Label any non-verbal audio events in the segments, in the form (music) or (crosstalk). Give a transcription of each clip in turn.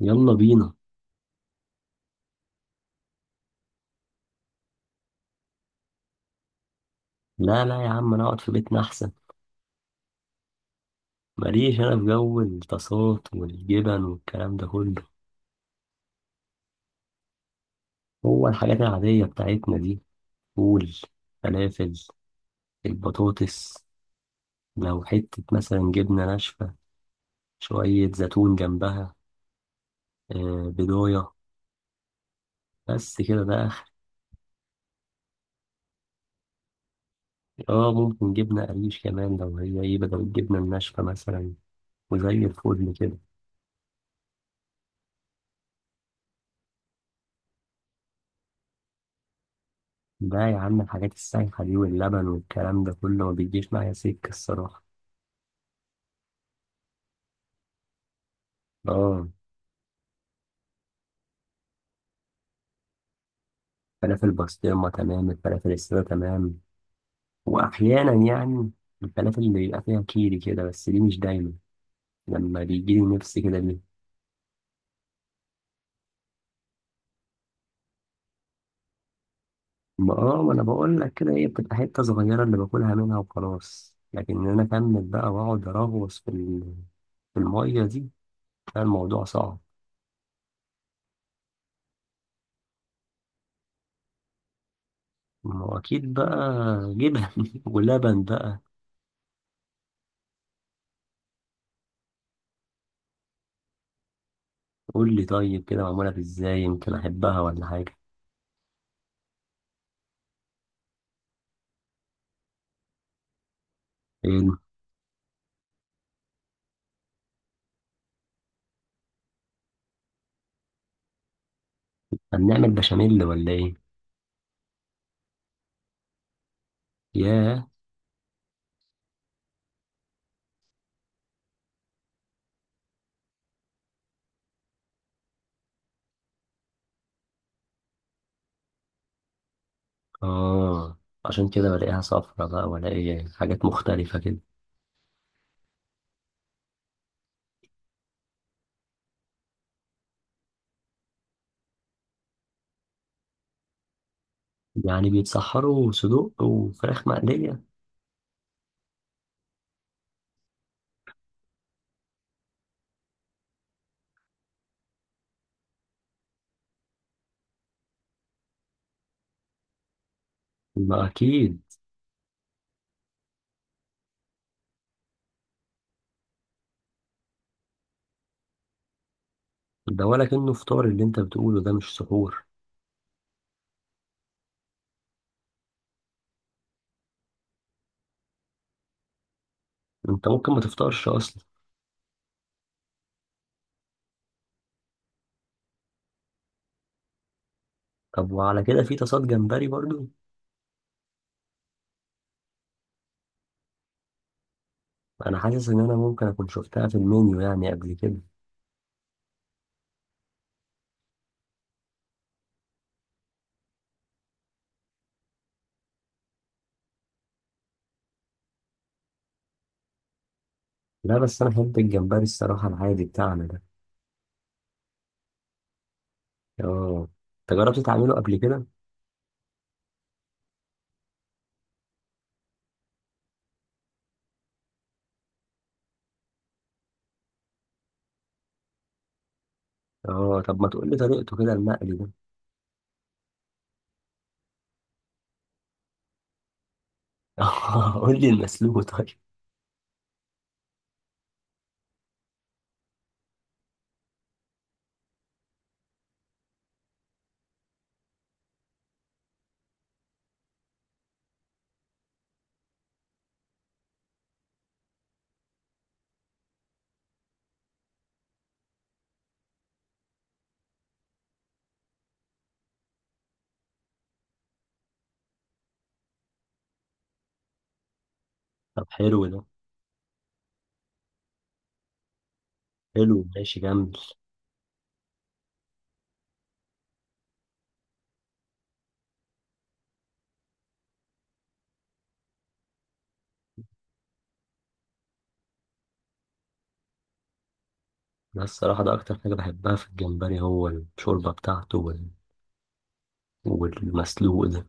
يلا بينا. لا يا عم، انا اقعد في بيتنا احسن. ماليش انا في جو الطاسات والجبن والكلام ده كله. هو الحاجات العادية بتاعتنا دي: فول، فلافل، البطاطس، لو حتة مثلا جبنة ناشفة، شوية زيتون جنبها، آه بضاية، بس كده ده آخر. اه، ممكن جبنة قريش كمان لو هي ايه بدل الجبنة الناشفة مثلا، وزي الفل كده. ده يا عم الحاجات السايحة دي واللبن والكلام ده كله ما بيجيش معايا سكة الصراحة. اه، فلافل بسطرمة تمام، الفلافل السادة تمام، وأحيانا يعني الفلافل اللي بيبقى فيها كيري كده، بس دي مش دايما، لما بيجيلي نفسي كده ليه. ما انا بقول لك كده، هي بتبقى حتة صغيرة اللي باكلها منها وخلاص، لكن ان انا اكمل بقى واقعد اراغوص في المية دي كان الموضوع صعب. ما هو اكيد بقى، جبن (laughs) ولبن بقى. قول لي طيب كده معمولة ازاي، يمكن احبها ولا حاجة. ايه، هنعمل بشاميل ولا ايه؟ ياه. اه، عشان كده بلاقيها صفرة بقى، ولاقي حاجات مختلفة كده. يعني بيتسحروا صدوق وفراخ مقلية؟ ما أكيد. ده ولكنه فطار اللي أنت بتقوله ده، مش سحور. أنت ممكن ما تفطرش أصلا. طب وعلى كده في تصاد جمبري برضو؟ أنا حاسس إن أنا ممكن أكون شفتها في المنيو يعني قبل كده. لا، بس أنا بحب الجمبري الصراحة العادي بتاعنا ده. اه. أنت جربت تعمله قبل كده؟ اه. طب ما تقولي طريقته كده المقلي ده. (laughs) قول لي المسلوق طيب. طب حلو ده. حلو، ماشي، جميل. بس الصراحة ده أكتر حاجة بحبها في الجمبري هو الشوربة بتاعته وال... والمسلوق ده.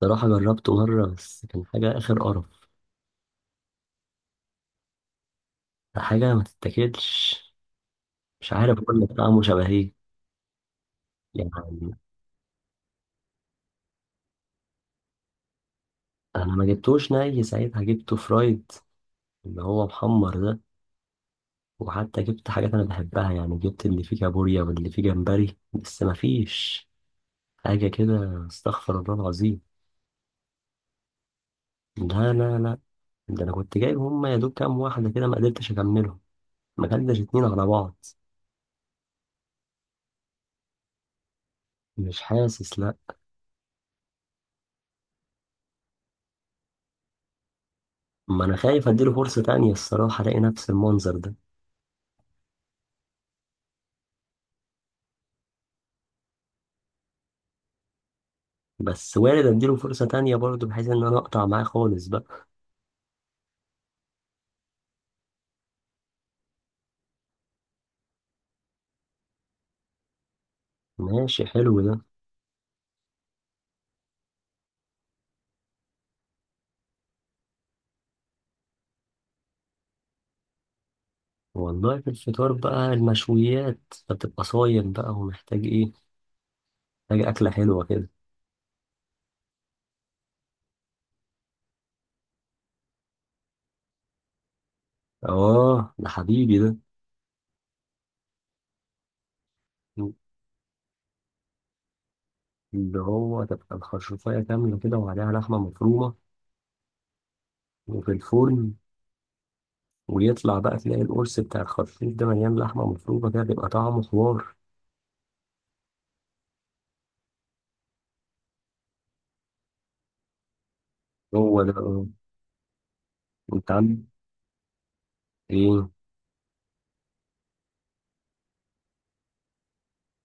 صراحة جربته مرة بس كان حاجة آخر قرف. حاجة ما تتاكلش. مش عارف أقول لك طعمه شبه إيه، يعني أنا ما جبتوش ني ساعتها، جبته فرايد، اللي هو محمر ده. وحتى جبت حاجات أنا بحبها، يعني جبت اللي فيه كابوريا واللي فيه جمبري، بس ما فيش حاجة كده، استغفر الله العظيم. لا، ده أنا كنت جايب هما يا دوب كام واحدة كده، ما قدرتش أكملهم، ما كلناش اتنين على بعض. مش حاسس، لا. ما انا خايف اديله فرصة تانية الصراحة، الاقي نفس المنظر ده. بس وارد اديله فرصة تانية برضه، بحيث ان انا اقطع معاه خالص بقى. ماشي، حلو ده. والله في الفطار بقى المشويات، فتبقى صايم بقى ومحتاج ايه، محتاج اكلة حلوة كده. اه، ده حبيبي ده. اللي هو تبقى الخرشوفاية كاملة كده وعليها لحمة مفرومة وفي الفرن، ويطلع بقى تلاقي القرص بتاع الخرشوف ده مليان لحمة مفرومة كده، بيبقى طعمه حوار. هو ده. انت عندك ايه؟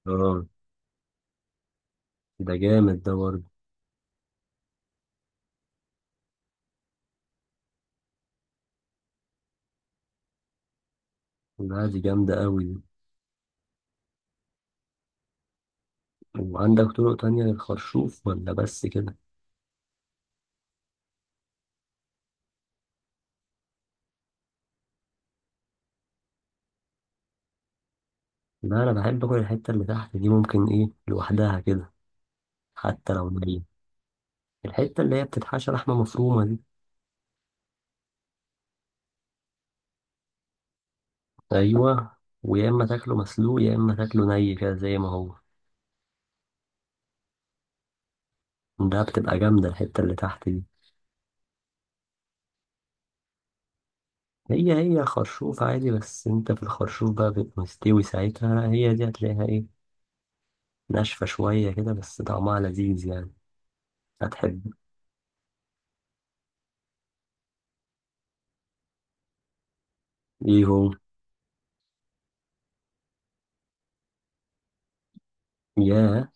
اه، ده جامد ده برضه. لا، دي جامدة قوي دي. وعندك طرق تانية للخرشوف ولا بس كده؟ لا، انا بحب اكل الحتة اللي تحت دي ممكن ايه لوحدها كده، حتى لو نية. الحتة اللي هي بتتحشى لحمة مفرومة دي. ايوه. ويا اما تاكله مسلوق يا اما تاكله ني كده زي ما هو. ده بتبقى جامدة الحتة اللي تحت دي. هي، هي خرشوف عادي، بس انت في الخرشوف بقى بيبقى مستوي ساعتها، لا هي دي هتلاقيها ايه، ناشفة شوية كده، بس طعمها لذيذ يعني. هتحب. ايهو؟ ياه.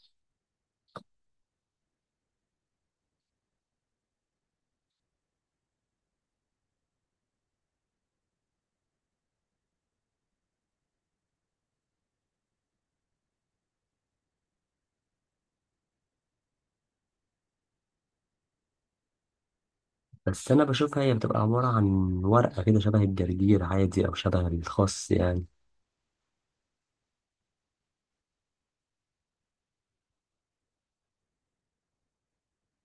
بس انا بشوفها هي بتبقى عبارة عن ورقة كده شبه الجرجير عادي او شبه الخس يعني.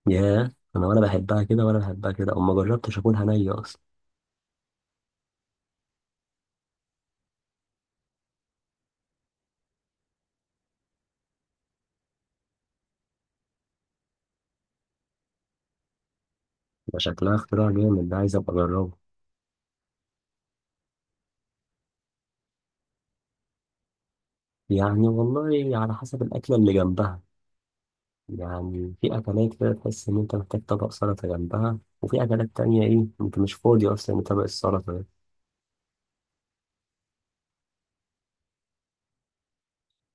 ياه، انا ولا بحبها كده ولا بحبها كده، او ما جربتش اكلها نية اصلا. ده شكلها اختراع جامد ده، عايز ابقى اجربه. يعني والله على حسب الاكلة اللي جنبها، يعني في اكلات كده تحس ان انت محتاج طبق سلطة جنبها، وفي اكلات تانية ايه انت مش فاضي اصلا لطبق السلطة ده.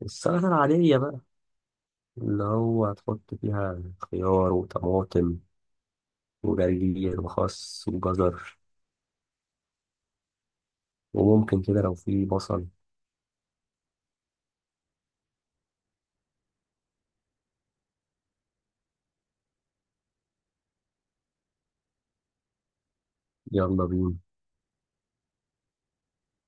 السلطة العادية بقى، اللي هو تحط فيها خيار وطماطم وجرجير وخس وجزر، وممكن كده لو في بصل. يلا بينا.